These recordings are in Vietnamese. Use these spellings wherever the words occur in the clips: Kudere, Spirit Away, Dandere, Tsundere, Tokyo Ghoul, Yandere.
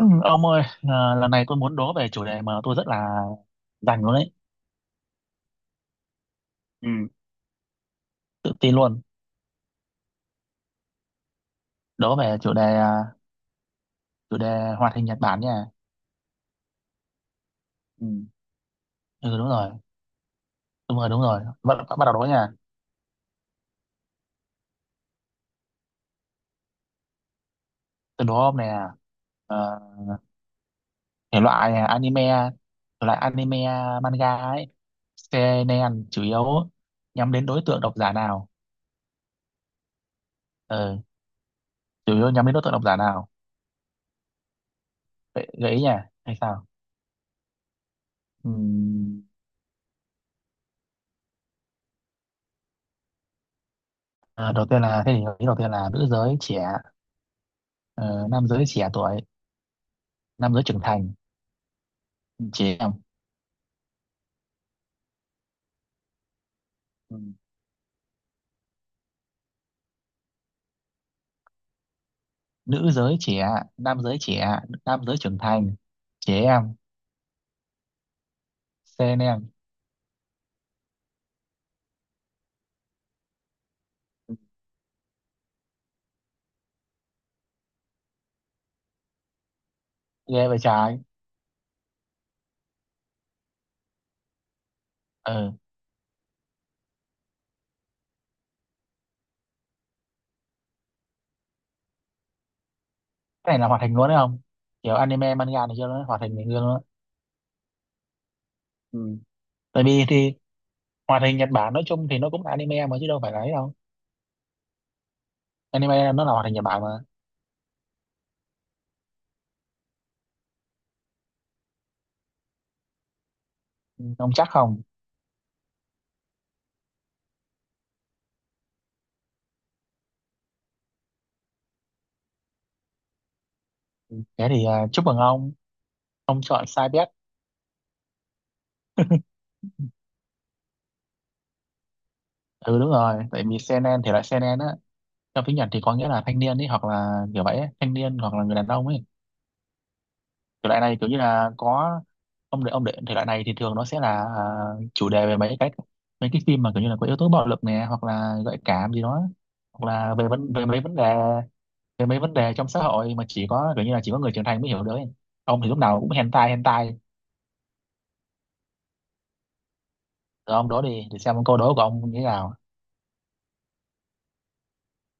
Ừ, ông ơi, lần này tôi muốn đố về chủ đề mà tôi rất là rành luôn đấy, ừ tự tin luôn. Đố về chủ đề à, chủ đề hoạt hình Nhật Bản nha. Ừ Ừ đúng rồi, đúng rồi, đúng rồi. Bắt đầu đố nha. Tôi đố ông nè, ờ, thể loại à, anime, thể loại anime à, manga ấy, seinen chủ yếu nhắm đến đối tượng độc giả nào? Ừ, chủ yếu nhắm đến đối tượng độc giả nào? Gợi ý nha, hay sao? Ừm, đầu tiên là thế thì gợi ý đầu tiên là nữ giới trẻ. Ờ, nam giới trẻ tuổi, nam giới trưởng thành, trẻ em. Ừ. Nữ giới trẻ, nam giới trẻ, nam giới trưởng thành, trẻ em, sen em. Ừ. Ghê vậy trái. Ừ, cái này là hoạt hình luôn đấy không, kiểu anime manga này kia nó hoạt hình này kia luôn á. Ừ. Tại vì thì hoạt hình Nhật Bản nói chung thì nó cũng là anime mà chứ đâu phải là ấy đâu, anime nó là hoạt hình Nhật Bản mà. Ừ, ông chắc không, thế thì à, chúc mừng ông chọn sai bet. Ừ đúng rồi, tại vì seinen thì lại seinen á, trong tiếng Nhật thì có nghĩa là thanh niên ấy hoặc là kiểu vậy ấy, thanh niên hoặc là người đàn ông ấy. Thể loại này kiểu như là có, ông để thể loại này thì thường nó sẽ là à, chủ đề về mấy cái, mấy cái phim mà kiểu như là có yếu tố bạo lực nè hoặc là gợi cảm gì đó, hoặc là về vấn về mấy vấn đề, về mấy vấn đề trong xã hội mà chỉ có kiểu như là chỉ có người trưởng thành mới hiểu được ấy. Ông thì lúc nào cũng hentai hentai. Rồi ông đố đi để xem câu đố của ông như thế nào.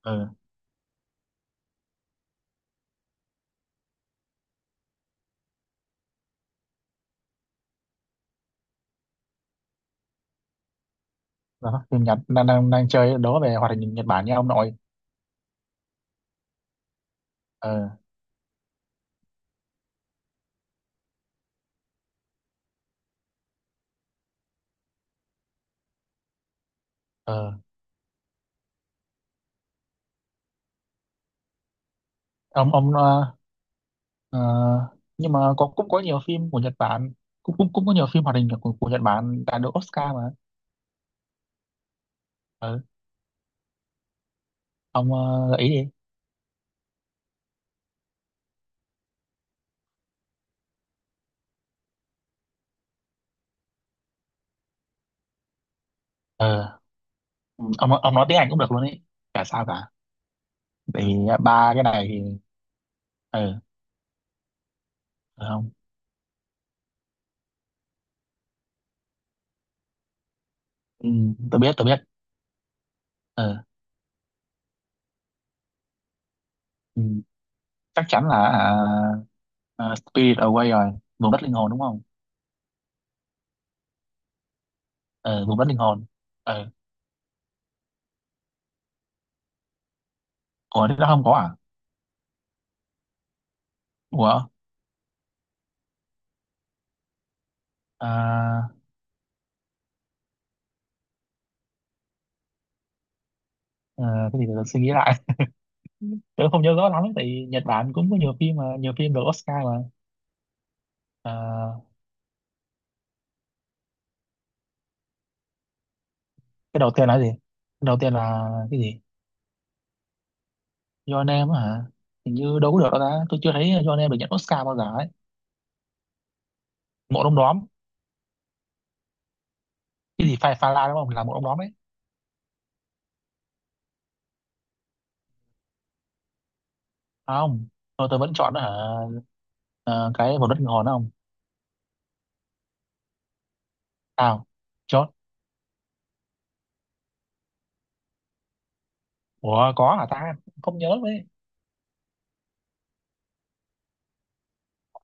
Ừ đó, phim Nhật đang đang đang chơi đố về hoạt hình Nhật Bản nha ông nội. Ờ ừ ông Ờ, nhưng mà có cũng có nhiều phim của Nhật Bản, cũng cũng cũng có nhiều phim hoạt hình của Nhật Bản đã được Oscar mà. Ừ. Ông gợi đi. Ừ. Ông nói tiếng Anh cũng được luôn ấy, chả sao cả, tại vì à, ba cái này thì ờ ừ không ừ, tôi biết tôi biết. Ờ Ừ. Chắc chắn là à, à, Spirit Away rồi, vùng đất linh hồn đúng không. Ờ vùng đất linh hồn. Ờ ủa thế đó không có à. Ủa à, à, cái gì để tôi suy nghĩ lại. Tôi không nhớ rõ lắm tại vì Nhật Bản cũng có nhiều phim mà nhiều phim được Oscar mà. À, cái đầu tiên là cái gì? Cái đầu tiên là cái gì? Your Name á hả? Hình như đâu có được đâu ta. Tôi chưa thấy Your Name được nhận Oscar bao giờ ấy. Một ông đóm. Cái gì Phai Pha La đúng không? Là một ông đóm ấy. À, không. Thôi tôi vẫn chọn hả? Ờ, cái một đất kinh hồn đó không? Sao? Chọn. Ủa có hả ta? Không nhớ đấy.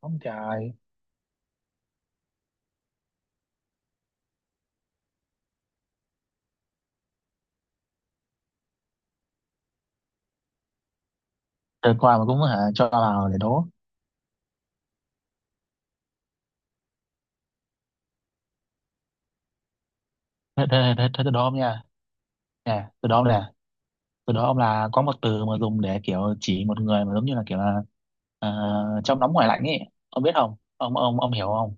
Ông trời. Đợt qua mà cũng hả? Cho vào để đố. Thế, thế, thế, thế tôi đố không nha? Nè, tôi đố nè. Từ đó ông là có một từ mà dùng để kiểu chỉ một người mà giống như là kiểu là ờ, trong nóng ngoài lạnh ấy, ông biết không ông ông hiểu không.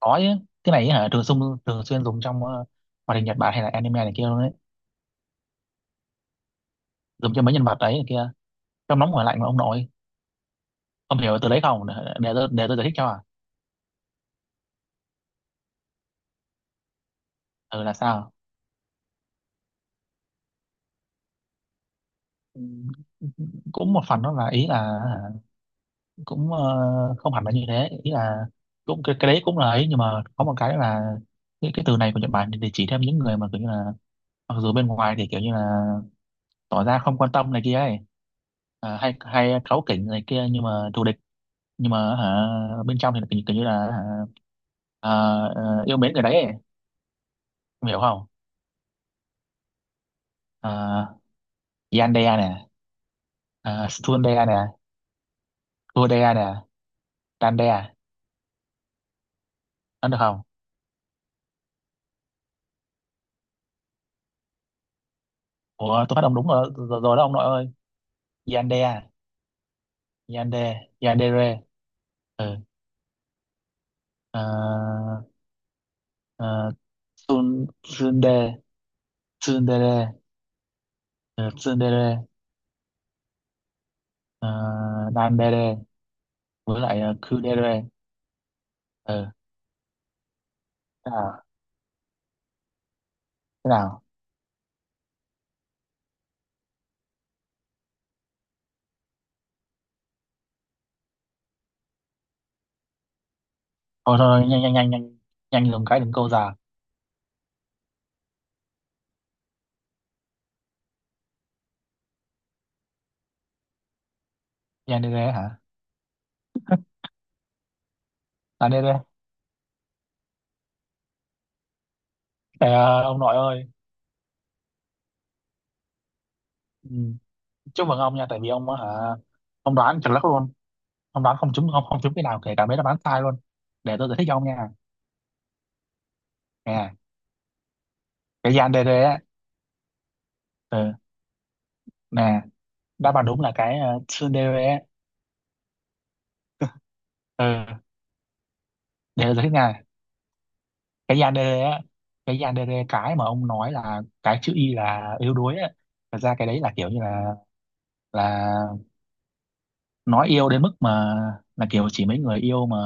Có chứ, cái này ấy hả thường xuyên, thường xuyên dùng trong hoạt hình Nhật Bản hay là anime này kia luôn đấy, dùng cho mấy nhân vật đấy này kia, trong nóng ngoài lạnh mà ông nội. Ông hiểu từ đấy không, để để tôi giải thích cho à. Ừ là sao. Ừ, cũng một phần đó là ý là hả, cũng không hẳn là như thế ý là, cũng cái đấy cũng là ấy nhưng mà có một cái là, cái từ này của Nhật Bản để chỉ thêm những người mà kiểu như là mặc dù bên ngoài thì kiểu như là tỏ ra không quan tâm này kia ấy, à, hay hay cáu kỉnh này kia nhưng mà thù địch, nhưng mà hả, bên trong thì kiểu như là hả, à, ờ, yêu mến người đấy ấy. Em hiểu không. uh, Yandere nè, Stundere nè, Kudere nè, Dandere, ăn được không. Ủa tôi phát âm đúng rồi, rồi, rồi đó ông nội ơi. Yandere, Yande, Yandere. Ừ. À, ờ, Tsunde. Tsundere. Ừ. Tsundere. À, Dandere, với lại Kudere. Ừ. Thế nào, thế nào. Thôi thôi nhanh nhanh nhanh nhanh, nhanh dùng cái đừng câu già. Yandere hả. Dandere. Để, à, ông nội ơi. Ừ. Chúc mừng ông nha tại vì ông á hả, ông đoán chuẩn lắm luôn, ông đoán không trúng, không không trúng cái nào kể cả mấy đáp án sai luôn. Để tôi giải thích cho ông nha. Nè, cái Yandere á. Ừ. Nè, đáp án đúng là cái Tsundere. Ờ, để giải thích nha. Cái yandere á, cái yandere cái mà ông nói là cái chữ y là yếu đuối á, thật ra cái đấy là kiểu như là nói yêu đến mức mà, là kiểu chỉ mấy người yêu mà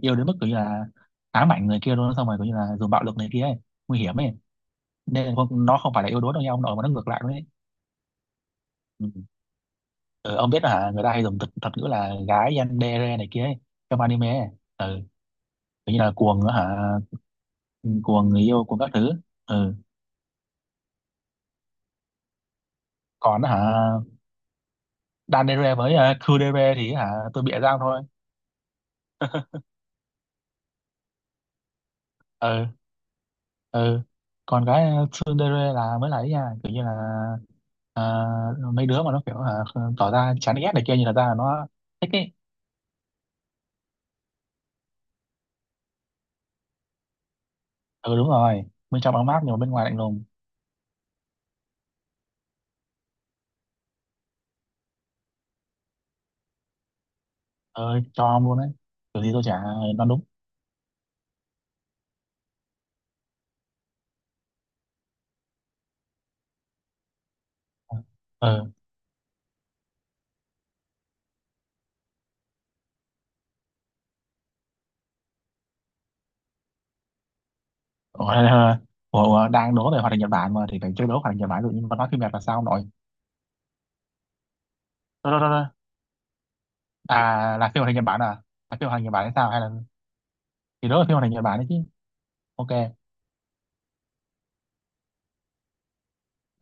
yêu đến mức kiểu như là ám ảnh người kia luôn xong rồi kiểu như là dùng bạo lực này kia ấy, nguy hiểm ấy. Nên là không, nó không phải là yếu đuối đâu nha ông nội mà nó ngược lại luôn ấy. Ừ. Ờ, ông biết là hả, người ta hay dùng thuật ngữ là gái yandere này kia ấy, trong anime ấy. Ừ. Kiểu như là cuồng hả. Ừ, cuồng người yêu cuồng các thứ. Ừ. Còn hả, đan đê rê với khư đê rê thì hả tôi bịa ra thôi. Ừ ừ. Còn cái xương đê rê là mới là ấy nha, kiểu như là ờ, mấy đứa mà nó kiểu hả, tỏ ra chán ghét này kia nhưng thật ra là nó thích ấy. Ừ đúng rồi, bên trong ấm áp nhưng mà bên ngoài lạnh lùng. Ơi cho ông luôn đấy, kiểu gì tôi chả đoán đúng. Ừ ủa, ờ, ủa, đang đố về hoạt hình Nhật Bản mà thì phải chơi đố hoạt hình Nhật Bản rồi, nhưng mà nói phim Nhật là sao nội. Đó, đó, đó, đó. À là phim hoạt hình Nhật Bản à, là phim hoạt hình Nhật Bản hay sao hay là, thì đó là phim hoạt hình Nhật Bản đấy chứ. Ok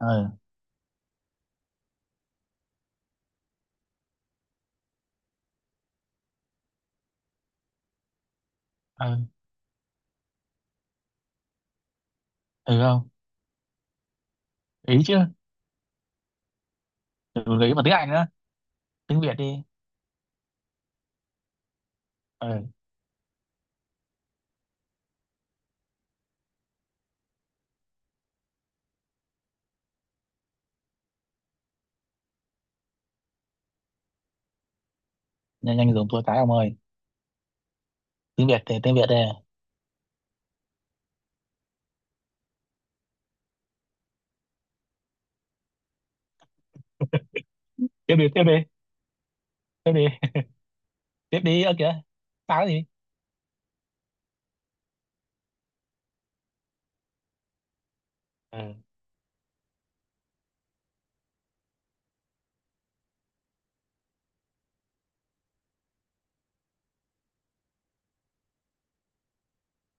ừ ờ ừ không ý chứ. Ừ, ý mà tiếng Anh nữa, tiếng Việt đi. Ờ nhanh nhanh dùng tôi cái ông ơi. Tiếng Việt thì tiếng Việt đây. Tiếp đi, tiếp đi, tiếp đi. Tiếp đi ơ kìa. Sao cái gì. Ừ.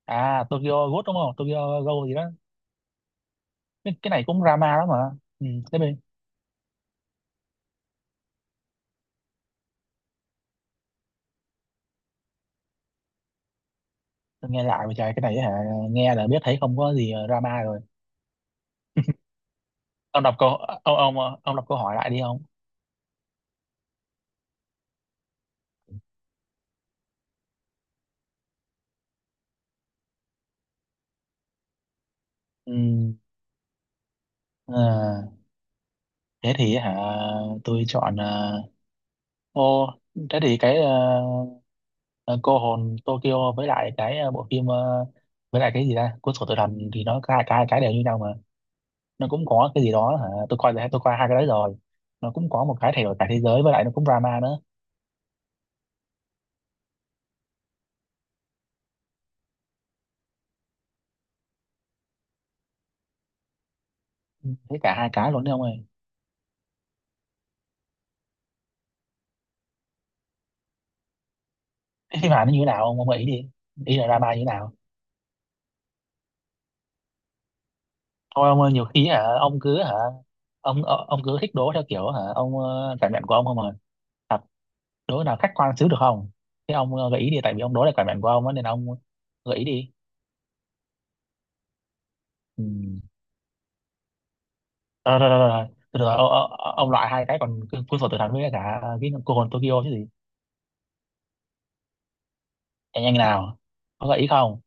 À Tokyo Ghoul đúng không, Tokyo Ghoul gì đó. Cái này cũng drama lắm mà. Ừ, tiếp đi. Tôi nghe lại mà trời cái này hả, nghe là biết thấy không có gì drama rồi. Ông đọc câu, ông đọc câu hỏi lại đi ông. Ừ. Ờ, thế thì hả, tôi chọn ờ, ô, thế thì cái ờ, ờ, cô hồn Tokyo với lại cái ờ, bộ phim ờ, với lại cái gì ta cuốn sổ tự làm, thì nó cả cái đều như nhau mà, nó cũng có cái gì đó hả tôi coi là tôi coi hai cái đấy rồi, nó cũng có một cái thay đổi cả thế giới với lại nó cũng drama nữa. Thế cả hai cái luôn đấy ông ơi. Cái phim Hàn nó như thế nào ông ý đi, ý là drama như thế nào. Thôi ông ơi nhiều khi hả ông cứ hả, ông ờ, ông cứ thích đố theo kiểu hả ông ờ, cảm nhận của ông không à. Thật, đố nào khách quan xíu được không. Thế ông ờ, gợi ý đi tại vì ông đố là cảm nhận của ông á, nên ông gợi ý đi. Ừ. Ờ, rồi, rồi, rồi, rồi. Từ từ, ô- ô- ô- ông loại hai cái còn cu- cuốn sổ tự thắng với cả cái cô hồn Tokyo chứ gì. Nhanh nhanh nào, có gợi ý không.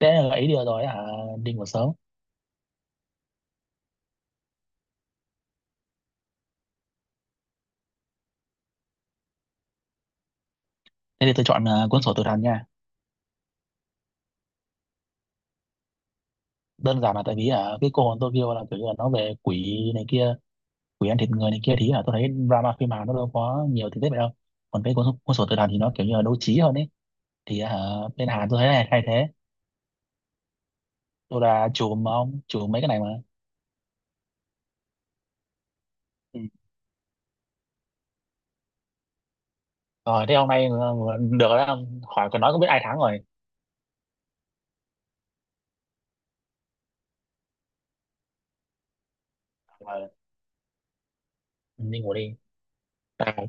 Thế là gợi ý được rồi hả, đi ngủ sớm. Thế thì tôi chọn ờ, cuốn sổ tự thắng nha. Đơn giản là tại vì hả, cái cô hồn Tokyo là kiểu như là nó về quỷ này kia, quỷ ăn thịt người này kia thì là tôi thấy drama phim Hàn nó đâu có nhiều tình tiết vậy đâu. Còn cái cuốn sổ tự thắng thì nó kiểu như là đấu trí hơn ấy, thì hả, bên Hàn tôi thấy là hay thế. Tôi là chùm mà ông chùm mấy cái này mà. Ừ. Rồi thế hôm nay ờ, được rồi đó ông. Hỏi còn nói cũng biết ai thắng rồi, mình đi ngủ đi tao.